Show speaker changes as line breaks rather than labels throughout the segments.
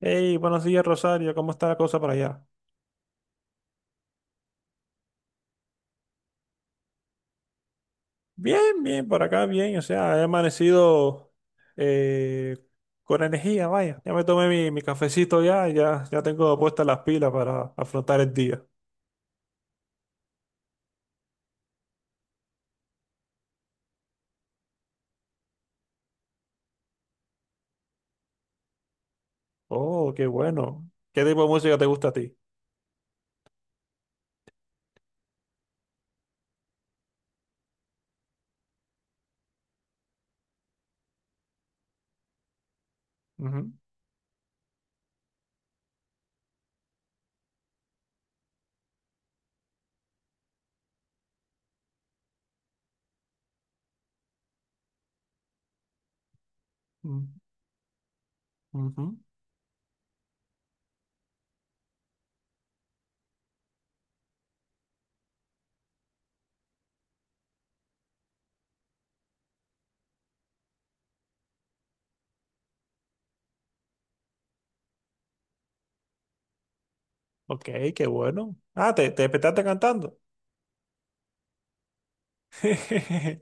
Hey, buenos días, Rosario. ¿Cómo está la cosa por allá? Bien, bien, por acá, bien. O sea, he amanecido eh, con energía, vaya. Ya me tomé mi cafecito ya, y ya tengo puestas las pilas para afrontar el día. Oh, qué bueno. ¿Qué tipo de música te gusta a ti? Ujú, mm, ujú. Ok, qué bueno. Ah, te despertaste cantando.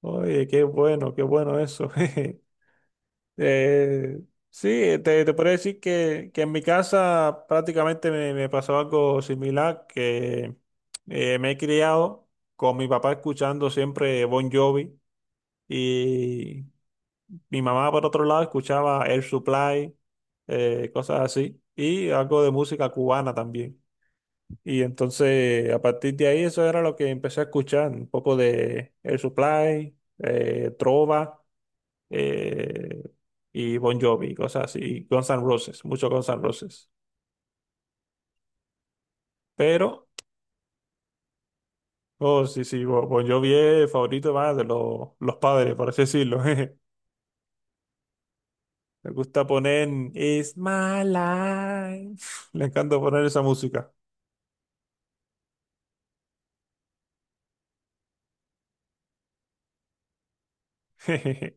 Oye, qué bueno eso. Eh, sí, te podría decir que en mi casa prácticamente me pasó algo similar, que me he criado con mi papá escuchando siempre Bon Jovi y mi mamá por otro lado escuchaba Air Supply, cosas así, y algo de música cubana también. Y entonces a partir de ahí eso era lo que empecé a escuchar, un poco de Air Supply, trova eh, y Bon Jovi, cosas así, y Guns N' Roses, mucho Guns N' Roses. Pero, oh, sí, sí, Bon Jovi es el favorito más de los padres, por así decirlo. jeje. Me gusta poner It's My Life. Le encanta poner esa música. jejeje.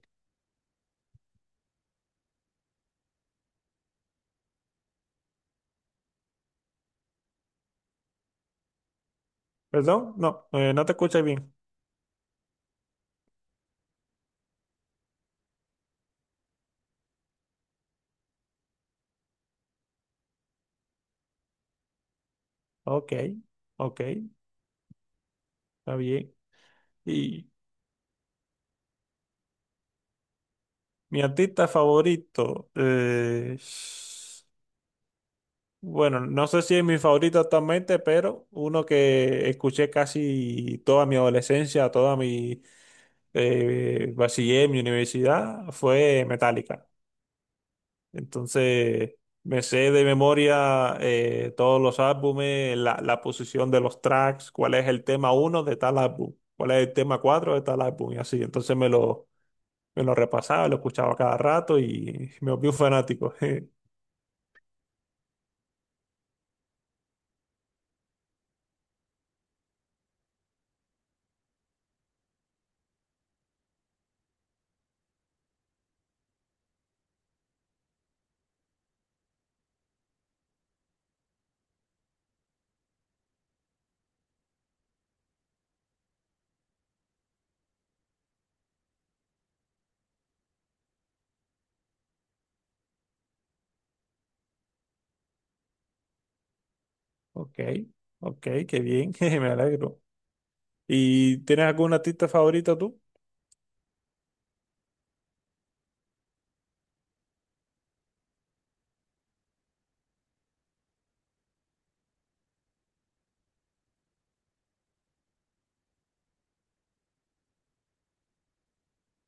¿Perdón? No, no te escuchas bien. Ok, ok, está bien. Y mi artista favorito. Bueno, no sé si es mi favorito actualmente, pero uno que escuché casi toda mi adolescencia, toda mi bachiller, mi universidad, fue Metallica. Entonces, me sé de memoria todos los álbumes, la posición de los tracks, cuál es el tema uno de tal álbum, cuál es el tema cuatro de tal álbum, y así. Entonces me lo repasaba, lo escuchaba cada rato y me volví un fanático. Ok, ok, qué bien, me alegro. ¿Y tienes alguna artista favorita tú?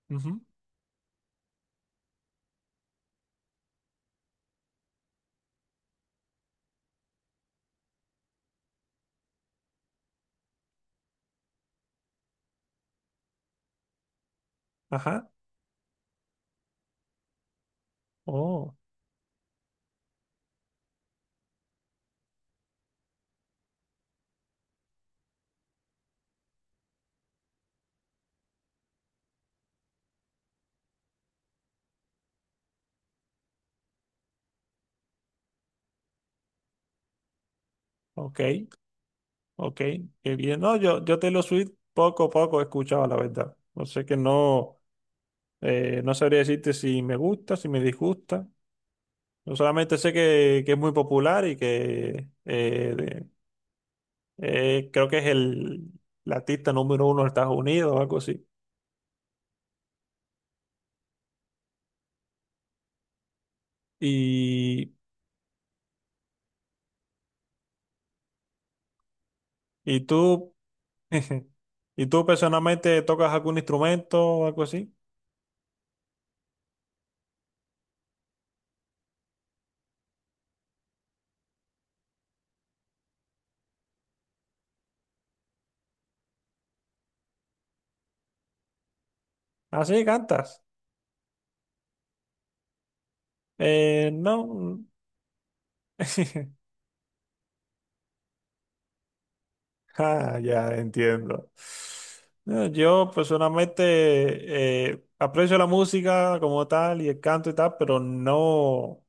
Ujú, ajá. Oh, ok, ok, qué bien. No, yo Taylor Swift poco a poco he escuchado, la verdad. No sé que no, no sabría decirte si me gusta, si me disgusta. Yo solamente sé que es muy popular y que creo que es el artista número uno de Estados Unidos o algo así. Y, y tú, ¿y tú personalmente tocas algún instrumento o algo así? Ah, sí, cantas. No. Ah, ya entiendo. No, yo personalmente aprecio la música como tal y el canto y tal, pero no,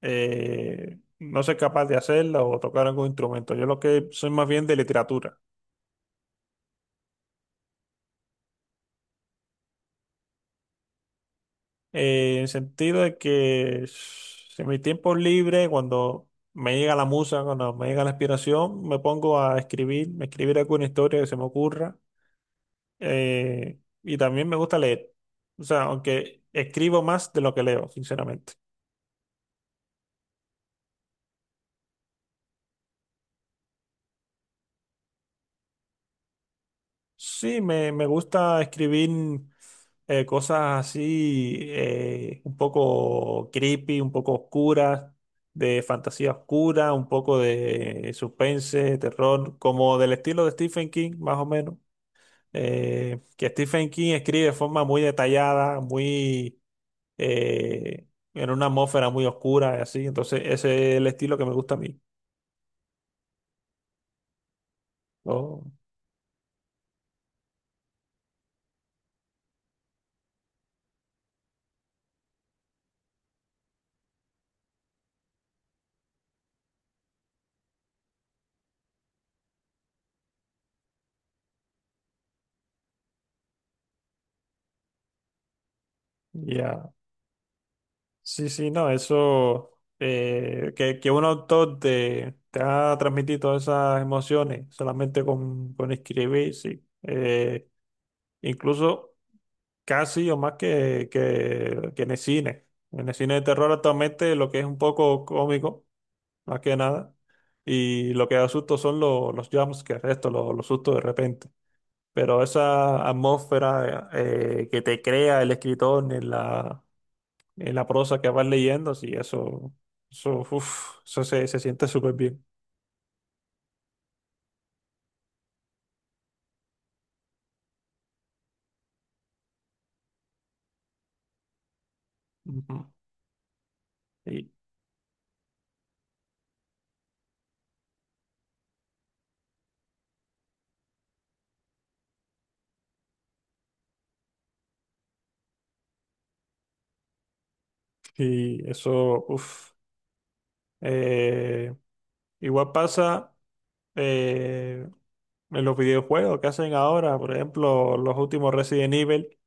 no soy capaz de hacerla o tocar algún instrumento. Yo lo que soy más bien de literatura. En el sentido de que en mi tiempo libre, cuando me llega la musa, cuando me llega la inspiración, me pongo a escribir, escribir alguna historia que se me ocurra y también me gusta leer. O sea, aunque escribo más de lo que leo, sinceramente. Sí, me gusta escribir cosas así, un poco creepy, un poco oscuras, de fantasía oscura, un poco de suspense, terror, como del estilo de Stephen King, más o menos. Que Stephen King escribe de forma muy detallada, eh, en una atmósfera muy oscura y así. Entonces, ese es el estilo que me gusta a mí. Oh, ya. Sí, sí, no, eso, que un autor te haga transmitir todas esas emociones solamente con escribir, sí. Incluso casi o más que en el cine. En el cine de terror actualmente lo que es un poco cómico, más que nada, y lo que da susto son los jumpscares, esto, los sustos de repente. Pero esa atmósfera que te crea el escritor en la la prosa que vas leyendo, sí, eso, uf, se siente súper bien. Ujú. Y, y eso, uf, eh, igual pasa eh, en los videojuegos que hacen ahora, por ejemplo, los últimos Resident Evil,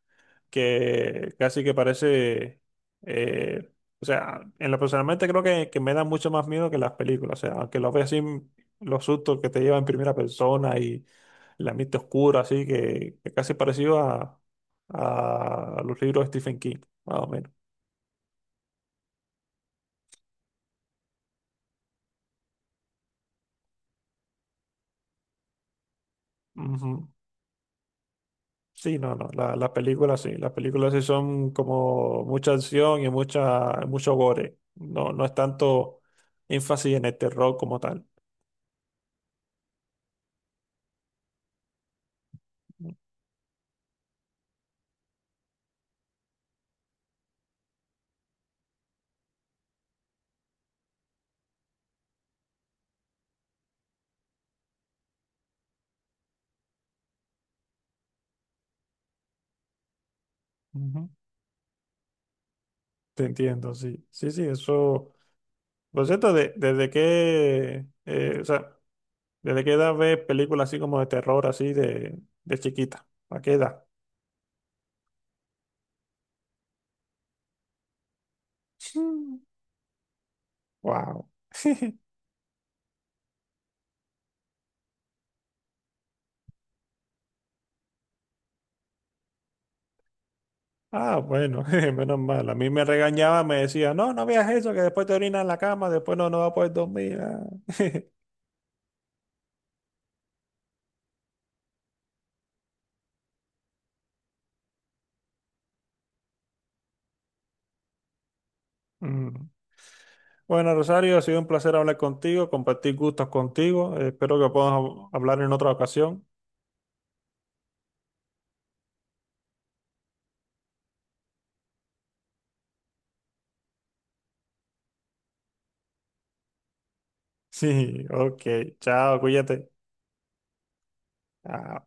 que casi que parece, eh, o sea, en lo personalmente creo que me da mucho más miedo que las películas, o sea, aunque lo veas así, los sustos que te llevan en primera persona y el ambiente oscuro, así que casi parecido a los libros de Stephen King, más o menos. Ujú. Sí, no, no, las películas sí son como mucha acción y mucho gore. No, no es tanto énfasis en el terror como tal. Mm. Ujú. Te entiendo, sí. Sí, sí, eso. Por cierto, ¿desde qué, o sea, desde qué edad ves películas así como de terror, así de chiquita? ¿A qué edad? Wow. Ah, bueno, menos mal. A mí me regañaba, me decía, no, no veas eso, que después te orinas en la cama, después no, no vas a poder dormir. Ah. Mm. Bueno, Rosario, ha sido un placer hablar contigo, compartir gustos contigo. Espero que podamos hablar en otra ocasión. Sí, ok, chao, cuídate. Chao.